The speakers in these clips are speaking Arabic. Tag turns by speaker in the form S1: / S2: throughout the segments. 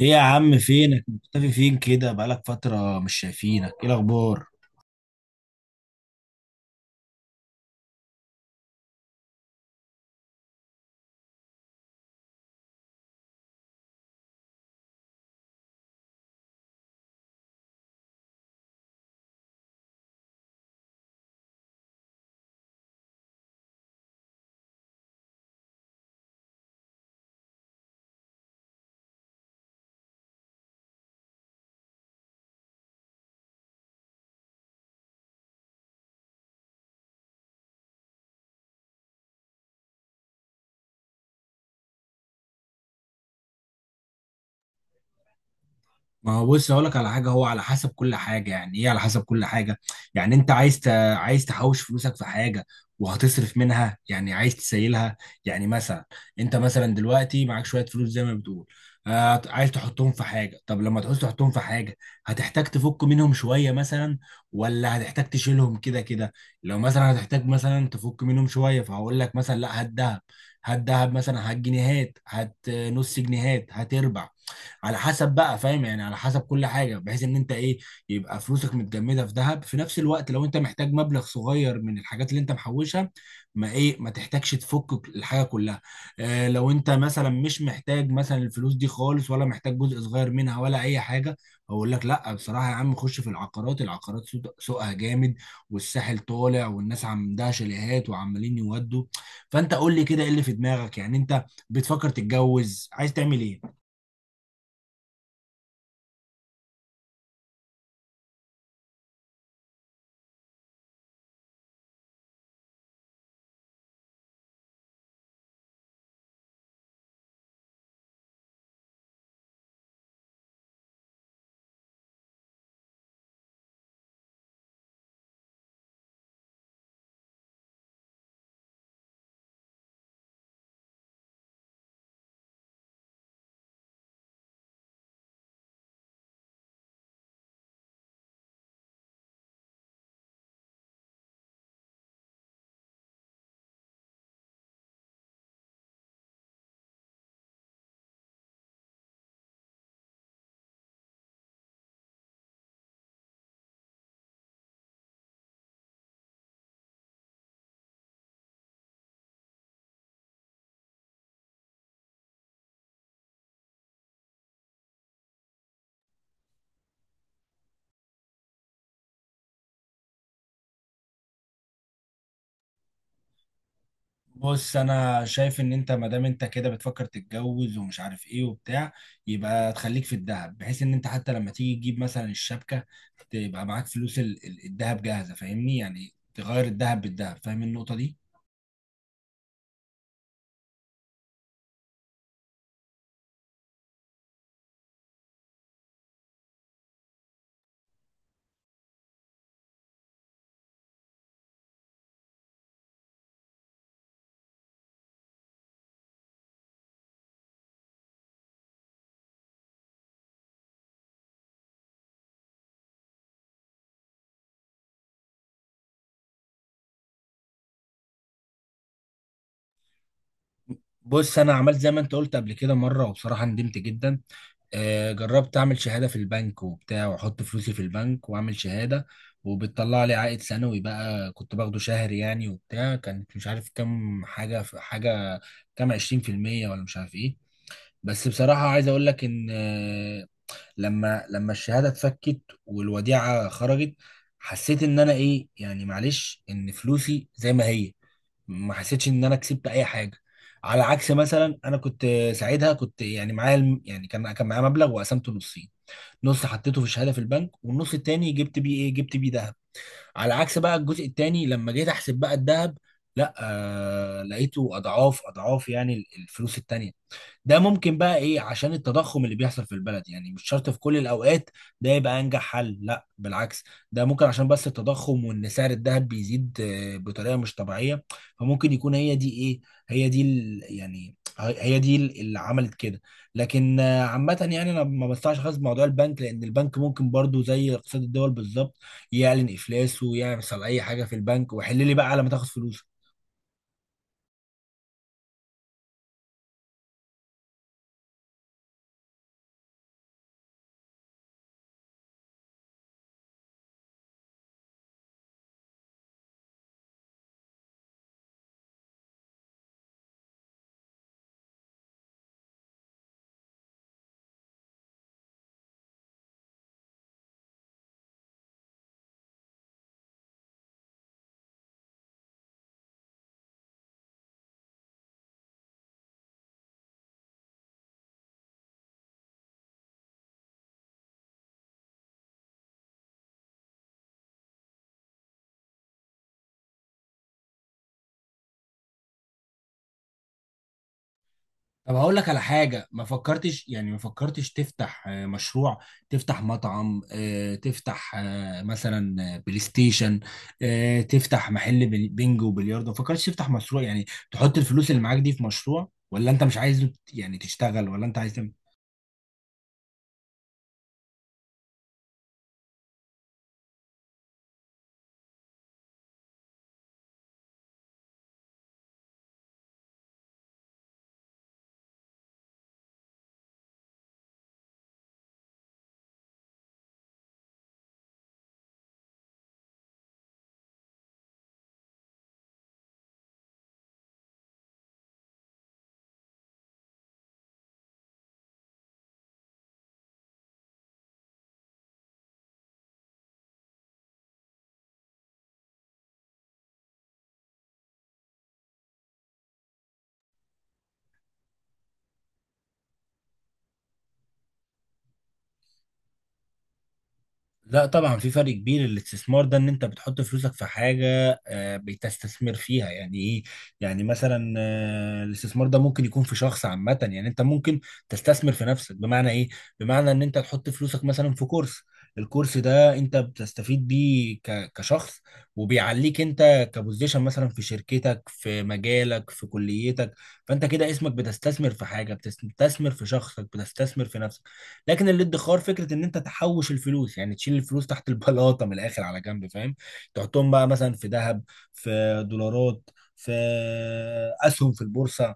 S1: ايه يا عم، فينك مختفي؟ فين كده؟ بقالك فترة مش شايفينك. ايه الاخبار؟ ما هو بص، اقول لك على حاجه. هو على حسب كل حاجه، يعني ايه؟ على حسب كل حاجه. يعني انت عايز عايز تحوش فلوسك في حاجه، وهتصرف منها، يعني عايز تسيلها. يعني مثلا، انت مثلا دلوقتي معاك شويه فلوس زي ما بتقول. عايز تحطهم في حاجه. طب لما تعوز تحطهم في حاجه، هتحتاج تفك منهم شويه مثلا، ولا هتحتاج تشيلهم كده كده؟ لو مثلا هتحتاج مثلا تفك منهم شويه، فهقول لك مثلا لا، هات دهب. هات دهب مثلا، هات جنيهات، هات نص جنيهات، هات ربع. على حسب بقى، فاهم؟ يعني على حسب كل حاجه، بحيث ان انت ايه، يبقى فلوسك متجمده في ذهب. في نفس الوقت لو انت محتاج مبلغ صغير من الحاجات اللي انت محوشها، ما ايه، ما تحتاجش تفك الحاجه كلها. اه، لو انت مثلا مش محتاج مثلا الفلوس دي خالص، ولا محتاج جزء صغير منها ولا اي حاجه، اقول لك لا، بصراحه يا عم، خش في العقارات. العقارات سوقها جامد، والساحل طالع، والناس عندها شاليهات وعمالين يودوا. فانت قول لي كده، ايه اللي في دماغك يعني؟ انت بتفكر تتجوز؟ عايز تعمل ايه؟ بص، انا شايف ان انت ما دام انت كده بتفكر تتجوز ومش عارف ايه وبتاع، يبقى تخليك في الذهب، بحيث ان انت حتى لما تيجي تجيب مثلا الشبكه، تبقى معاك فلوس الذهب جاهزه، فاهمني؟ يعني تغير الذهب بالذهب. فاهم النقطه دي؟ بص، انا عملت زي ما انت قلت قبل كده مره، وبصراحه ندمت جدا. جربت اعمل شهاده في البنك وبتاع، واحط فلوسي في البنك واعمل شهاده، وبتطلع لي عائد سنوي بقى، كنت باخده شهري يعني وبتاع. كانت مش عارف كام، حاجه حاجه، كام 20%، ولا مش عارف ايه. بس بصراحه عايز اقول لك ان لما الشهاده اتفكت والوديعه خرجت، حسيت ان انا ايه يعني، معلش، ان فلوسي زي ما هي. ما حسيتش ان انا كسبت اي حاجه. على عكس، مثلا انا كنت ساعتها، كنت يعني معايا يعني كان معايا مبلغ وقسمته نصين. نص حطيته في الشهاده في البنك، والنص التاني جبت بيه ايه؟ جبت بيه ذهب. على عكس بقى، الجزء التاني لما جيت احسب بقى الذهب، لا، لقيته اضعاف اضعاف يعني الفلوس التانيه. ده ممكن بقى ايه؟ عشان التضخم اللي بيحصل في البلد. يعني مش شرط في كل الاوقات ده يبقى انجح حل. لا بالعكس، ده ممكن عشان بس التضخم وان سعر الذهب بيزيد بطريقة مش طبيعية. فممكن يكون هي دي ايه، هي دي يعني هي دي اللي عملت كده. لكن عامة يعني انا ما بستعش خالص بموضوع البنك، لان البنك ممكن برضو زي اقتصاد الدول بالظبط، يعلن افلاسه ويحصل اي حاجة في البنك، وحل لي بقى على ما تاخد فلوسك. طب هقول لك على حاجة، ما فكرتش يعني، ما فكرتش تفتح مشروع؟ تفتح مطعم، تفتح مثلا بلاي ستيشن، تفتح محل بينجو وبلياردو؟ ما فكرتش تفتح مشروع يعني، تحط الفلوس اللي معاك دي في مشروع؟ ولا انت مش عايز يعني تشتغل؟ ولا انت عايز؟ لا طبعا، في فرق كبير. الاستثمار ده ان انت بتحط فلوسك في حاجه بتستثمر فيها، يعني ايه؟ يعني مثلا الاستثمار ده ممكن يكون في شخص عامه، يعني انت ممكن تستثمر في نفسك. بمعنى ايه؟ بمعنى ان انت تحط فلوسك مثلا في كورس. الكورس ده انت بتستفيد بيه كشخص، وبيعليك انت كبوزيشن، مثلا في شركتك، في مجالك، في كليتك. فانت كده اسمك بتستثمر في حاجه، بتستثمر في شخصك، بتستثمر في نفسك. لكن الادخار، فكره ان انت تحوش الفلوس، يعني تشيل الفلوس تحت البلاطه من الاخر، على جنب، فاهم؟ تحطهم بقى مثلا في ذهب، في دولارات، في اسهم في البورصه.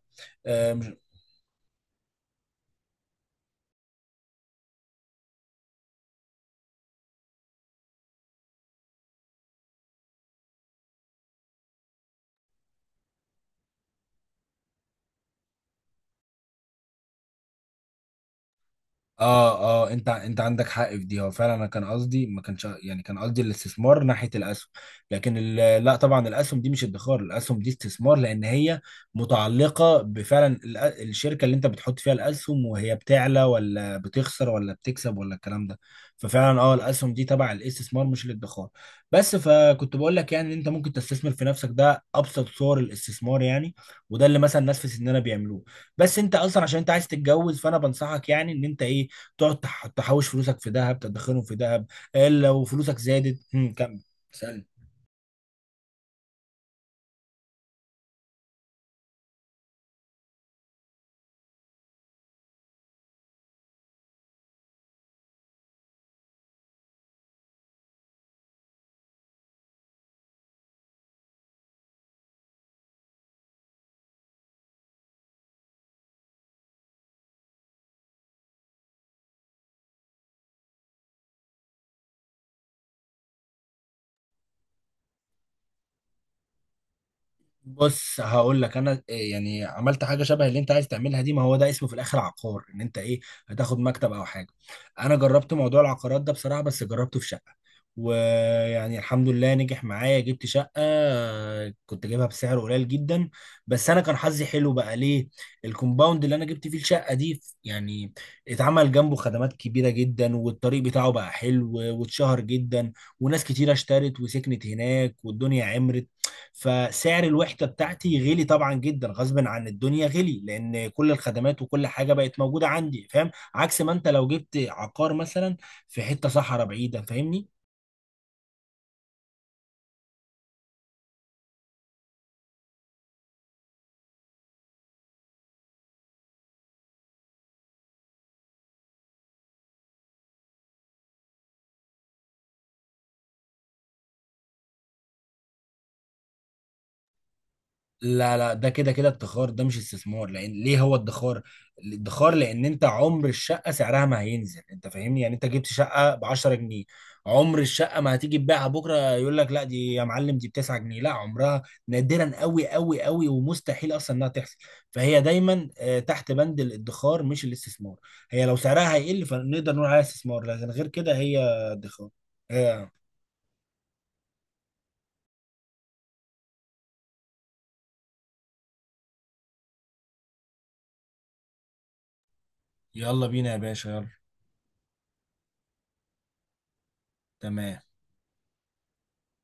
S1: اه، اه، انت عندك حق في دي. هو فعلا انا كان قصدي، ما كانش يعني، كان قصدي الاستثمار ناحيه الاسهم. لكن لا طبعا، الاسهم دي مش ادخار، الاسهم دي استثمار، لان هي متعلقه بفعلا الشركه اللي انت بتحط فيها الاسهم، وهي بتعلى ولا بتخسر ولا بتكسب ولا الكلام ده. ففعلا اه، الاسهم دي تبع الاستثمار مش الادخار. بس فكنت بقول لك يعني، ان انت ممكن تستثمر في نفسك، ده ابسط صور الاستثمار يعني. وده اللي مثلا الناس في سننا بيعملوه. بس انت اصلا عشان انت عايز تتجوز، فانا بنصحك يعني ان انت ايه، تقعد تحوش فلوسك في ذهب، تدخرهم في ذهب. لو فلوسك زادت كمل. سألني. بص، هقول لك انا إيه، يعني عملت حاجه شبه اللي انت عايز تعملها دي. ما هو ده اسمه في الاخر عقار، ان انت ايه، هتاخد مكتب او حاجه. انا جربت موضوع العقارات ده بصراحه، بس جربته في شقه. ويعني الحمد لله نجح معايا. جبت شقه، كنت جايبها بسعر قليل جدا. بس انا كان حظي حلو بقى. ليه؟ الكومباوند اللي انا جبت فيه الشقه دي يعني، اتعمل جنبه خدمات كبيره جدا، والطريق بتاعه بقى حلو، واتشهر جدا، وناس كتيره اشترت وسكنت هناك، والدنيا عمرت. فسعر الوحدة بتاعتي غلي طبعا جدا، غصب عن الدنيا غلي، لان كل الخدمات وكل حاجة بقت موجودة عندي، فاهم؟ عكس ما انت لو جبت عقار مثلا في حتة صحراء بعيدة، فاهمني؟ لا، لا، ده كده كده ادخار، ده مش استثمار. لان ليه هو ادخار؟ الادخار لان انت عمر الشقه سعرها ما هينزل، انت فاهمني؟ يعني انت جبت شقه ب 10 جنيه، عمر الشقه ما هتيجي تبيعها بكره يقول لك لا، دي يا معلم دي ب 9 جنيه، لا عمرها. نادرا قوي قوي قوي، ومستحيل اصلا انها تحصل. فهي دايما تحت بند الادخار مش الاستثمار. هي لو سعرها هيقل فنقدر نقول عليها استثمار، لكن غير كده هي ادخار. آه، يلا بينا يا باشا، يلا. تمام.